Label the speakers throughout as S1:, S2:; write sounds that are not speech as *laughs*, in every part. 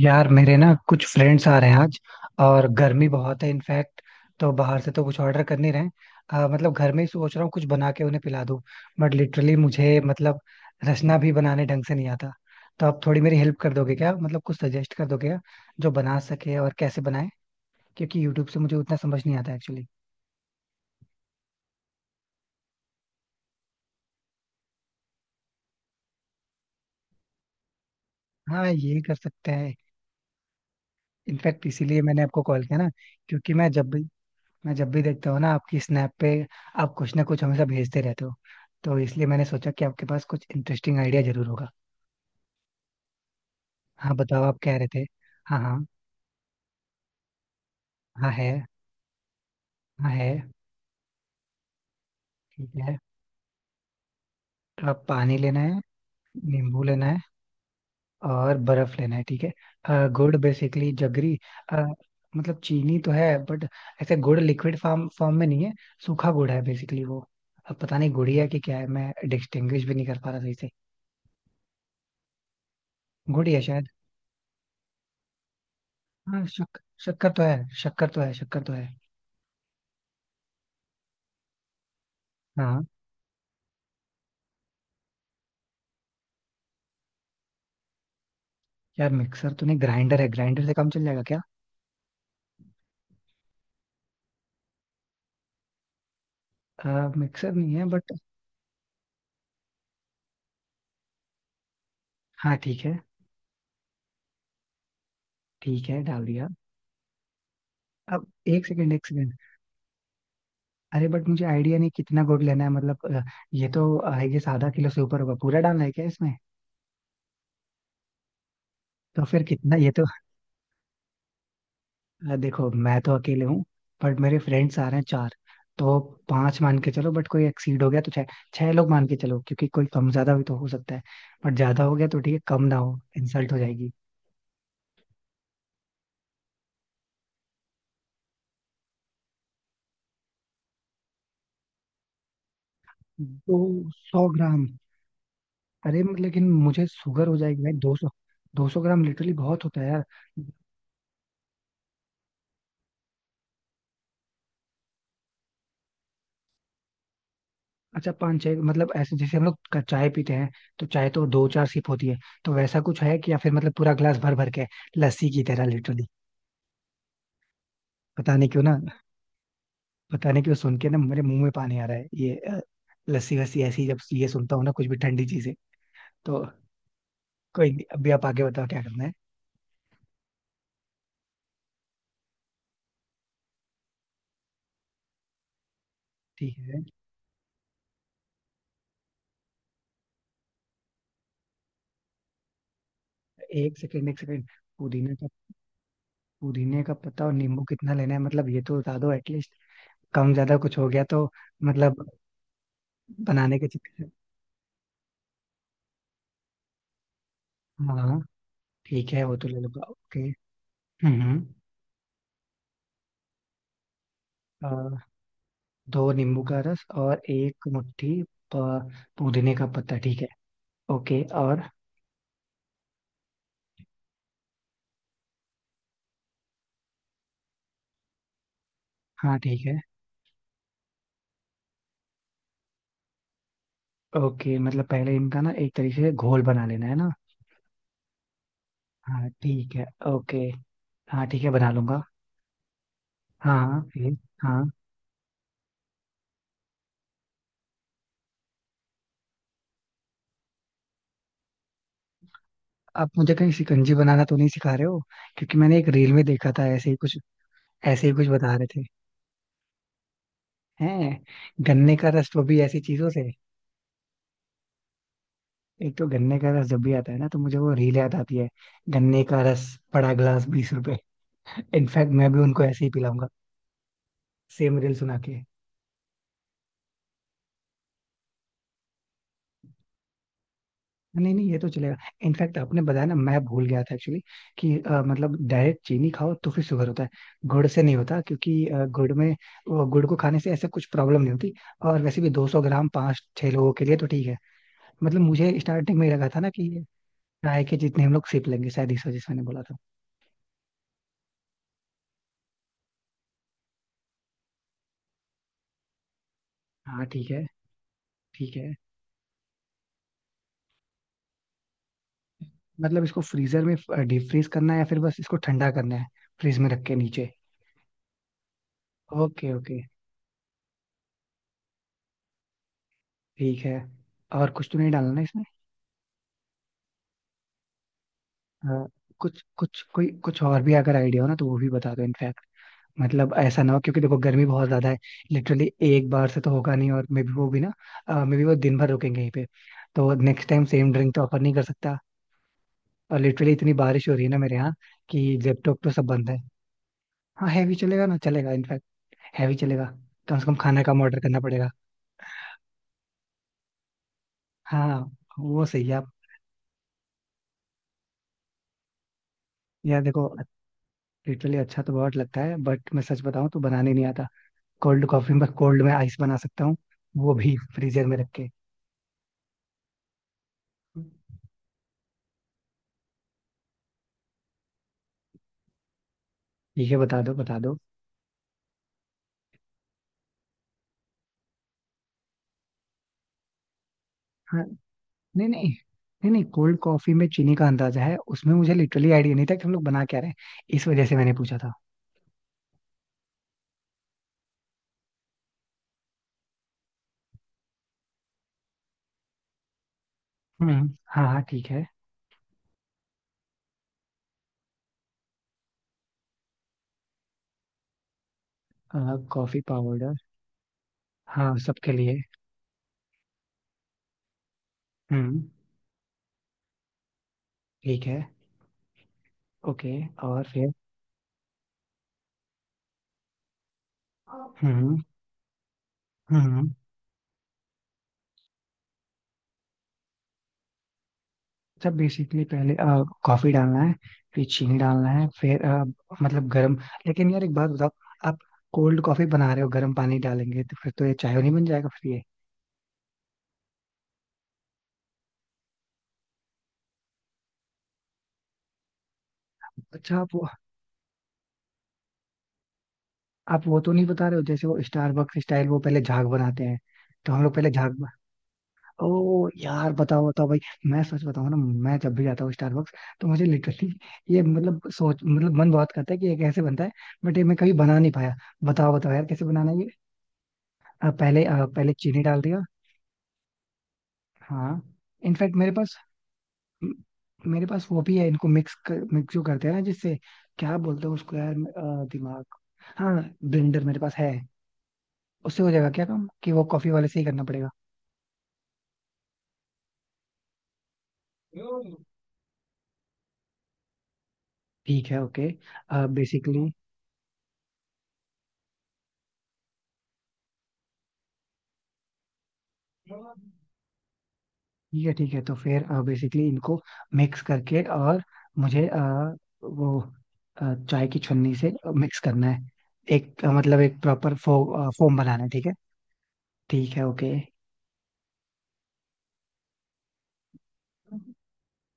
S1: यार मेरे ना कुछ फ्रेंड्स आ रहे हैं आज। और गर्मी बहुत है इनफैक्ट। तो बाहर से तो कुछ ऑर्डर कर नहीं रहे हैं। मतलब घर में ही सोच रहा हूँ कुछ बना के उन्हें पिला दूँ। बट लिटरली मुझे मतलब रसना भी बनाने ढंग से नहीं आता। तो आप थोड़ी मेरी हेल्प कर दोगे क्या? मतलब कुछ सजेस्ट कर दोगे क्या जो बना सके और कैसे बनाए? क्योंकि यूट्यूब से मुझे उतना समझ नहीं आता एक्चुअली। हाँ, ये कर सकते हैं। इनफैक्ट इसीलिए मैंने आपको कॉल किया ना। क्योंकि मैं जब भी देखता हूँ ना आपकी स्नैप पे, आप कुछ ना कुछ हमेशा भेजते रहते हो। तो इसलिए मैंने सोचा कि आपके पास कुछ इंटरेस्टिंग आइडिया जरूर होगा। हाँ, बताओ, आप कह रहे थे। हाँ हाँ। हाँ, है। हाँ, है। ठीक है। तो आप, पानी लेना है, नींबू लेना है, और बर्फ लेना है, ठीक है। गुड़ बेसिकली जगरी। अ, मतलब चीनी तो है, बट ऐसे गुड़ लिक्विड फॉर्म फॉर्म में नहीं है। सूखा गुड़ है बेसिकली वो। अब पता नहीं गुड़िया की क्या है, मैं डिस्टिंग्विश भी नहीं कर पा रहा सही से। गुड़िया शायद। हाँ, शक्कर तो है, शक्कर तो है, शक्कर तो है। हाँ। यार मिक्सर तो नहीं, ग्राइंडर है, ग्राइंडर से काम चल जाएगा क्या? मिक्सर नहीं है बट। हाँ, ठीक है। ठीक है, डाल दिया। अब एक सेकंड, एक सेकंड। अरे बट मुझे आइडिया नहीं कितना गुड़ लेना है, मतलब ये तो आई गेस आधा किलो से ऊपर होगा, पूरा डालना है क्या इसमें? तो फिर कितना ये तो। देखो मैं तो अकेले हूँ, बट मेरे फ्रेंड्स आ रहे हैं चार। तो पांच मान के चलो, बट कोई एक्सीड हो गया तो छह। छह लोग मान के चलो, क्योंकि कोई कम ज्यादा भी तो हो सकता है। बट ज्यादा हो गया तो ठीक है, कम ना हो, इंसल्ट हो जाएगी। 200 ग्राम। अरे लेकिन मुझे शुगर हो जाएगी भाई, 200। 200 ग्राम लिटरली बहुत होता है यार। अच्छा, पाँच छः? मतलब ऐसे जैसे हम लोग चाय पीते हैं, तो चाय तो दो चार सिप होती है, तो वैसा कुछ है? कि या फिर मतलब पूरा ग्लास भर भर के है? लस्सी की तरह लिटरली। पता नहीं क्यों ना। पता नहीं क्यों सुन के ना मेरे मुंह में पानी आ रहा है ये लस्सी वस्सी, ऐसी जब ये सुनता हूँ ना कुछ भी ठंडी चीजें। तो कोई नहीं, अभी आप आगे बताओ क्या करना है। ठीक है। एक सेकेंड, एक सेकेंड। पुदीना का पुदीने का पत्ता और नींबू कितना लेना है? मतलब ये तो बता दो एटलीस्ट। कम ज्यादा कुछ हो गया तो। मतलब बनाने के चक्कर हाँ, ठीक है, वो तो ले लूंगा, ओके। हम्म। अ, दो नींबू का रस और एक मुट्ठी प- पुदीने का पत्ता, ठीक है। ओके, और? हाँ, ठीक है, ओके। मतलब पहले इनका ना एक तरीके से घोल बना लेना है ना। हाँ, ठीक है। ओके। हाँ, ठीक है, बना लूंगा। हाँ हाँ, फिर? हाँ, आप मुझे कहीं शिकंजी बनाना तो नहीं सिखा रहे हो? क्योंकि मैंने एक रील में देखा था ऐसे ही कुछ बता रहे थे। हैं? गन्ने का रस, वो भी ऐसी चीजों से? एक तो गन्ने का रस जब भी आता है ना, तो मुझे वो रील याद आती है। गन्ने का रस, बड़ा ग्लास, 20 रुपए। इनफैक्ट मैं भी उनको ऐसे ही पिलाऊंगा, सेम रील सुना के। नहीं नहीं, ये तो चलेगा। इनफैक्ट आपने बताया ना, मैं भूल गया था एक्चुअली कि मतलब डायरेक्ट चीनी खाओ तो फिर शुगर होता है। गुड़ से नहीं होता, क्योंकि गुड़ में, वो गुड़ को खाने से ऐसे कुछ प्रॉब्लम नहीं होती। और वैसे भी 200 ग्राम पाँच छह लोगों के लिए तो ठीक है। मतलब मुझे स्टार्टिंग में ही लगा था ना कि ट्राई के जितने हम लोग सिप लेंगे, शायद इस वजह से मैंने बोला था। हाँ, ठीक है, ठीक है। मतलब इसको फ्रीजर में डीप फ्रीज करना है, या फिर बस इसको ठंडा करना है, फ्रीज में रख के नीचे? ओके, ओके, ठीक है। और कुछ तो नहीं डालना ना इसमें? हाँ, कुछ कुछ कोई कुछ और भी अगर आइडिया हो ना, तो वो भी बता दो इनफैक्ट। मतलब ऐसा ना हो, क्योंकि देखो गर्मी बहुत ज्यादा है। लिटरली एक बार से तो होगा नहीं, और मे बी वो दिन भर रुकेंगे यहीं पे। तो नेक्स्ट टाइम सेम ड्रिंक तो ऑफर नहीं कर सकता। और लिटरली इतनी बारिश हो रही है ना मेरे यहाँ, कि जेपटॉप तो सब बंद है। हाँ, हैवी चलेगा ना, चलेगा इनफैक्ट। हैवी चलेगा। तो कम से कम खाना कम ऑर्डर करना पड़ेगा। हाँ, वो सही है आप। यार देखो, लिटरली अच्छा तो बहुत लगता है, बट मैं सच बताऊं तो बनाने नहीं आता। कोल्ड कॉफी में, कोल्ड में आइस बना सकता हूँ, वो भी फ्रीजर में रख के। ठीक है, बता दो, बता दो। हाँ। नहीं नहीं। नहीं नहीं, कोल्ड कॉफी में चीनी का अंदाजा है, उसमें मुझे लिटरली आइडिया नहीं था कि हम लोग बना क्या रहे हैं। इस वजह से मैंने पूछा था। हम्म, हाँ हाँ, ठीक है। Coffee powder? हाँ, सबके लिए। हम्म। ठीक है, ओके। और फिर? हम्म हम्म। सब बेसिकली पहले कॉफी डालना है, फिर चीनी डालना है, फिर मतलब गरम। लेकिन यार एक बात बताओ, आप कोल्ड कॉफी बना रहे हो, गर्म पानी डालेंगे तो फिर तो ये चाय नहीं बन जाएगा फिर ये? अच्छा, आप वो तो नहीं बता रहे हो जैसे वो स्टारबक्स स्टाइल, वो पहले झाग बनाते हैं? तो हम लोग पहले झाग ओ यार, बताओ बताओ भाई। मैं सच बताऊं ना, मैं जब भी जाता हूँ स्टारबक्स तो मुझे लिटरली *laughs* ये मतलब सोच, मतलब मन बहुत करता है कि ये कैसे बनता है। बट ये मैं कभी बना नहीं पाया। बताओ बताओ यार, कैसे बनाना है। पहले चीनी डाल दिया? हाँ, इनफैक्ट मेरे पास म- मेरे पास वो भी है, इनको मिक्स जो करते हैं ना, जिससे, क्या बोलते हैं उसको यार, दिमाग। हाँ, ब्लेंडर मेरे पास है। उससे हो जाएगा क्या काम कि वो कॉफी वाले से ही करना पड़ेगा? ठीक है, ओके। बेसिकली ठीक है, ठीक है, तो फिर बेसिकली इनको मिक्स करके, और मुझे वो चाय की छन्नी से मिक्स करना है, एक मतलब एक प्रॉपर फॉर्म बनाना है, ठीक है। ठीक है, ओके,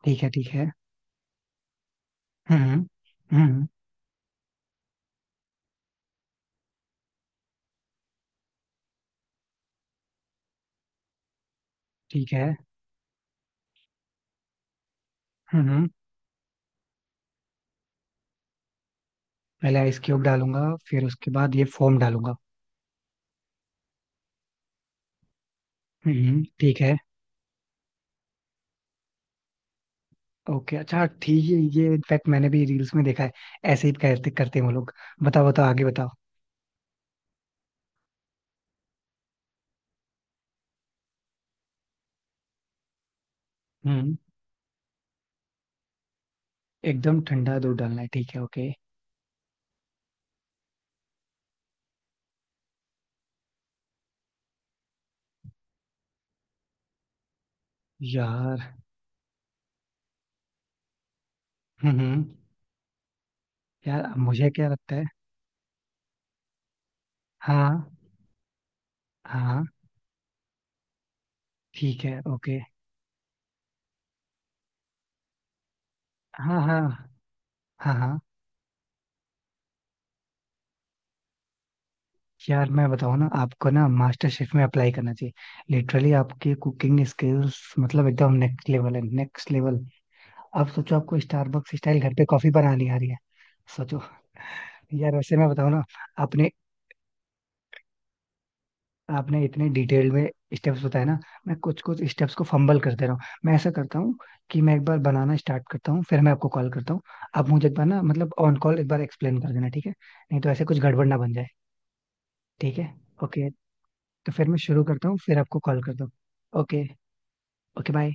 S1: ठीक है, ठीक है। हम्म हम्म, ठीक है, हम्म, पहले आइस क्यूब डालूंगा, फिर उसके बाद ये फोम डालूंगा। हम्म, ठीक है, ओके, अच्छा ठीक है, ये इनफैक्ट मैंने भी रील्स में देखा है, ऐसे ही करते करते हैं वो लोग। बताओ बताओ, आगे बताओ। हम्म, एकदम ठंडा दूध डालना है, ठीक है, ओके। यार, हम्म, यार मुझे क्या लगता है? हाँ हाँ, ठीक है, ओके। हाँ हाँ हाँ हाँ। यार मैं बताऊँ ना आपको, ना मास्टर शेफ में अप्लाई करना चाहिए। लिटरली आपकी कुकिंग स्किल्स मतलब एकदम नेक्स्ट लेवल है, नेक्स्ट लेवल। आप सोचो, आपको स्टारबक्स स्टाइल घर पे कॉफी बनानी आ रही है। सोचो। यार वैसे मैं बताऊँ ना, आपने आपने इतने डिटेल में स्टेप्स बताए ना। मैं कुछ कुछ स्टेप्स को फंबल कर दे रहा हूँ। मैं ऐसा करता हूँ कि मैं एक बार बनाना स्टार्ट करता हूँ, फिर मैं आपको कॉल करता हूँ। आप मुझे एक बार ना, मतलब ऑन कॉल एक बार एक्सप्लेन कर देना, ठीक है? नहीं तो ऐसे कुछ गड़बड़ ना बन जाए। ठीक है, ओके। तो फिर मैं शुरू करता हूँ, फिर आपको कॉल करता हूँ। ओके। Okay, bye.